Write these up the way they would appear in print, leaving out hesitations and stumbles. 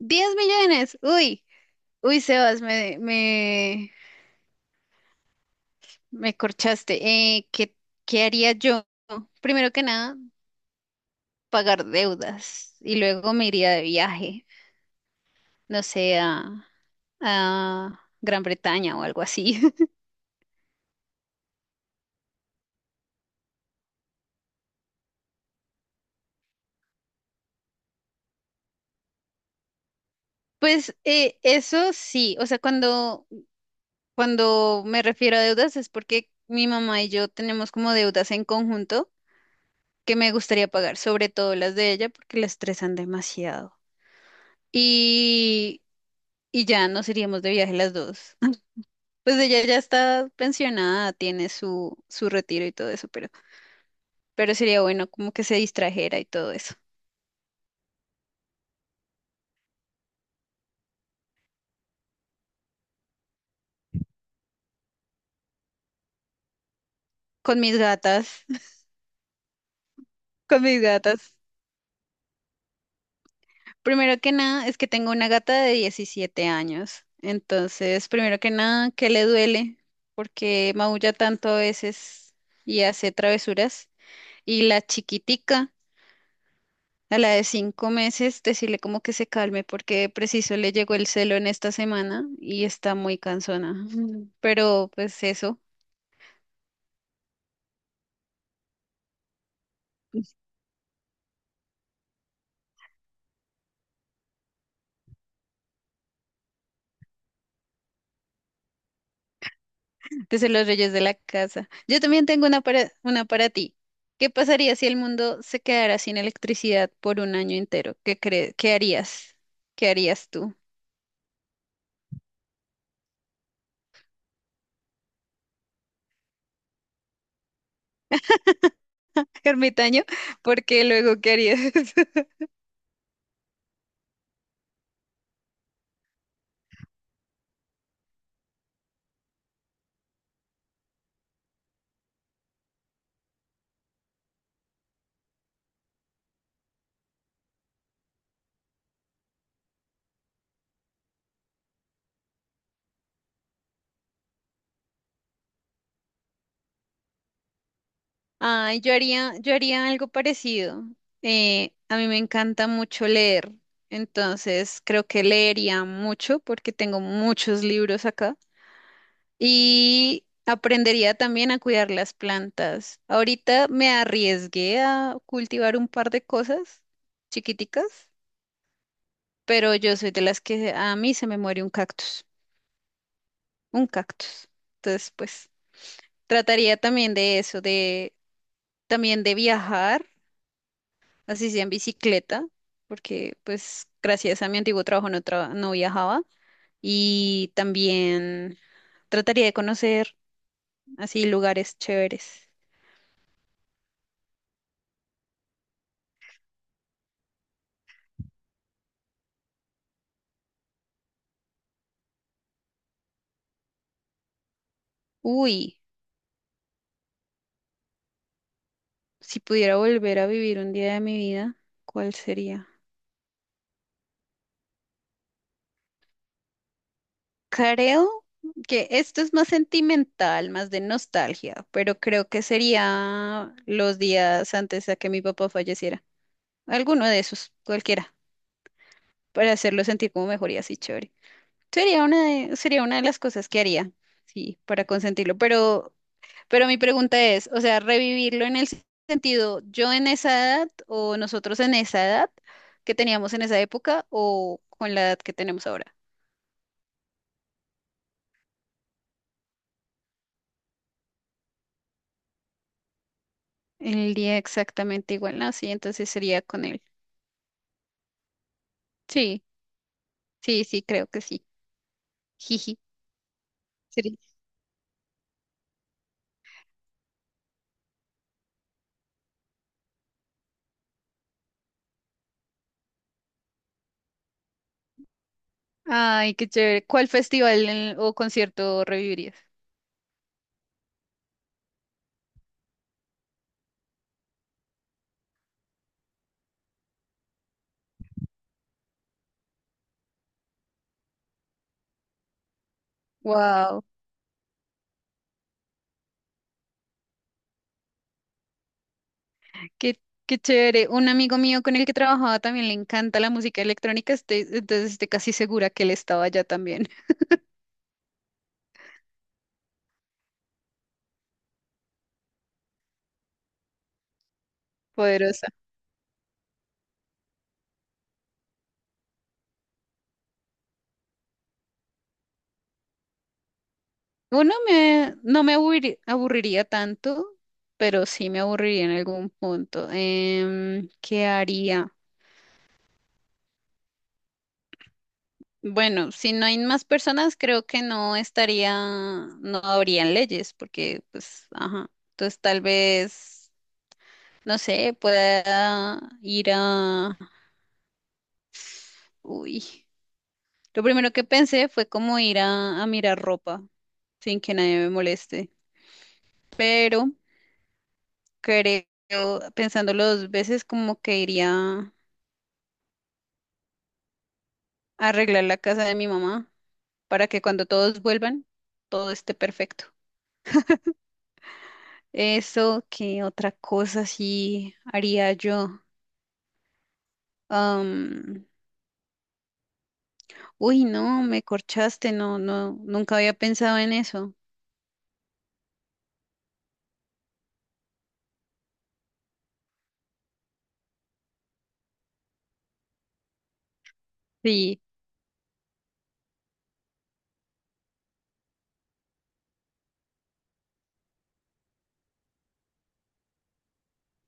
10 millones. Uy, uy, Sebas, me corchaste. Eh, ¿qué, qué haría yo? Primero que nada, pagar deudas y luego me iría de viaje, no sé, a Gran Bretaña o algo así. Pues eso sí, o sea, cuando me refiero a deudas es porque mi mamá y yo tenemos como deudas en conjunto que me gustaría pagar, sobre todo las de ella porque la estresan demasiado. Y ya nos iríamos de viaje las dos. Pues ella ya está pensionada, tiene su retiro y todo eso, pero sería bueno como que se distrajera y todo eso. Con mis gatas, con mis gatas. Primero que nada, es que tengo una gata de 17 años. Entonces, primero que nada, que le duele porque maulla tanto a veces y hace travesuras. Y la chiquitica, a la de 5 meses, decirle como que se calme porque preciso le llegó el celo en esta semana y está muy cansona. Mm. Pero pues eso, desde los reyes de la casa. Yo también tengo una para ti. ¿Qué pasaría si el mundo se quedara sin electricidad por un año entero? ¿Qué crees? ¿Qué harías? ¿Qué harías tú? Ermitaño, porque luego, ¿qué harías? Ay, yo haría algo parecido. A mí me encanta mucho leer, entonces creo que leería mucho porque tengo muchos libros acá y aprendería también a cuidar las plantas. Ahorita me arriesgué a cultivar un par de cosas chiquiticas, pero yo soy de las que a mí se me muere un cactus, un cactus. Entonces, pues trataría también de eso, de también de viajar así sea en bicicleta, porque pues gracias a mi antiguo trabajo no, no viajaba y también trataría de conocer así lugares chéveres. Uy, si pudiera volver a vivir un día de mi vida, ¿cuál sería? Creo que esto es más sentimental, más de nostalgia, pero creo que sería los días antes de que mi papá falleciera. Alguno de esos, cualquiera, para hacerlo sentir como mejor y así chévere. Sería una de las cosas que haría, sí, para consentirlo. Pero mi pregunta es, o sea, revivirlo en el sentido, yo en esa edad o nosotros en esa edad que teníamos en esa época o con la edad que tenemos ahora. El día exactamente igual, ¿no? Sí, entonces sería con él. Sí, sí, sí, creo que sí. Jiji. sería- Ay, qué chévere. ¿Cuál festival en- o concierto revivirías? Wow. Qué, qué chévere. Un amigo mío con el que trabajaba también le encanta la música electrónica, entonces estoy casi segura que él estaba allá también. Poderosa. Uno no me aburriría tanto, pero sí me aburriría en algún punto. ¿Qué haría? Bueno, si no hay más personas, creo que no estaría, no habrían leyes, porque pues, ajá. Entonces tal vez, no sé, pueda ir a... Uy. Lo primero que pensé fue como ir a mirar ropa sin que nadie me moleste. Pero creo, pensándolo dos veces, como que iría a arreglar la casa de mi mamá para que cuando todos vuelvan, todo esté perfecto. Eso, ¿qué otra cosa sí haría yo? Am, uy, no, me corchaste, no, no, nunca había pensado en eso. Sí,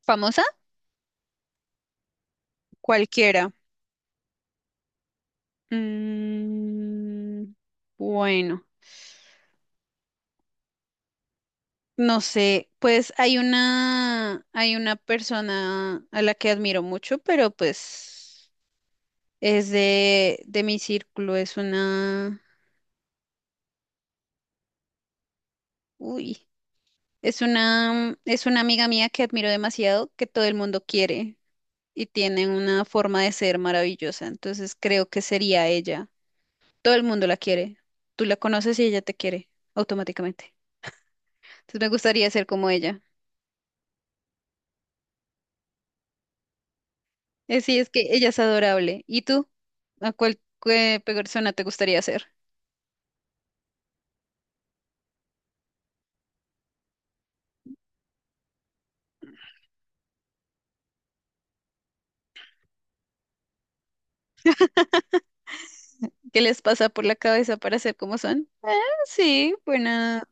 famosa, cualquiera. Mm, bueno. No sé, pues hay una persona a la que admiro mucho, pero pues es de mi círculo, es una, uy, es una amiga mía que admiro demasiado, que todo el mundo quiere y tiene una forma de ser maravillosa, entonces creo que sería ella. Todo el mundo la quiere, tú la conoces y ella te quiere automáticamente. Entonces me gustaría ser como ella. Sí, es que ella es adorable. ¿Y tú? ¿A cuál qué persona te gustaría ser? ¿Qué les pasa por la cabeza para ser como son? Ah, sí, buena.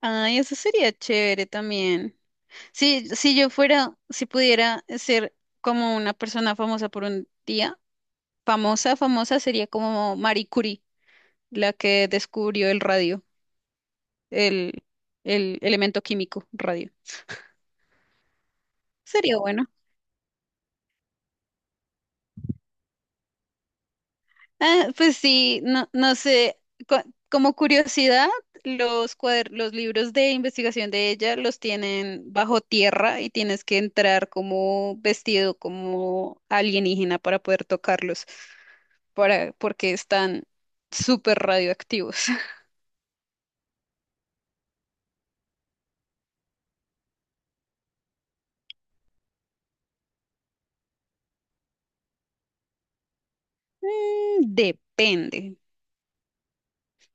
Ay, eso sería chévere también. Sí, si yo fuera, si pudiera ser como una persona famosa por un día, famosa, famosa sería como Marie Curie, la que descubrió el radio, el, el elemento químico radio. Sería bueno. Ah, pues sí, no, no sé, co- como curiosidad, los libros de investigación de ella los tienen bajo tierra y tienes que entrar como vestido como alienígena para poder tocarlos, para, porque están súper radioactivos. Depende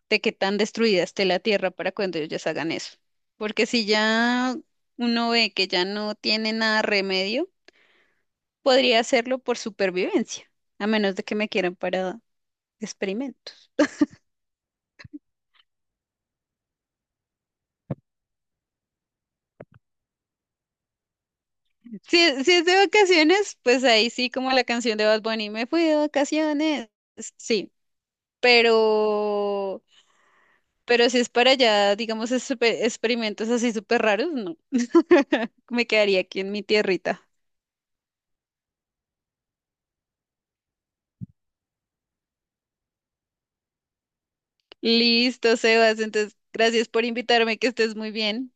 de qué tan destruida esté la tierra para cuando ellos hagan eso. Porque si ya uno ve que ya no tiene nada remedio, podría hacerlo por supervivencia, a menos de que me quieran para experimentos. Si es de vacaciones, pues ahí sí, como la canción de Bad Bunny, me fui de vacaciones. Sí, pero, pero si es para allá, digamos, experimentos así súper raros, no. Me quedaría aquí en mi tierrita. Listo, Sebas, entonces gracias por invitarme, que estés muy bien.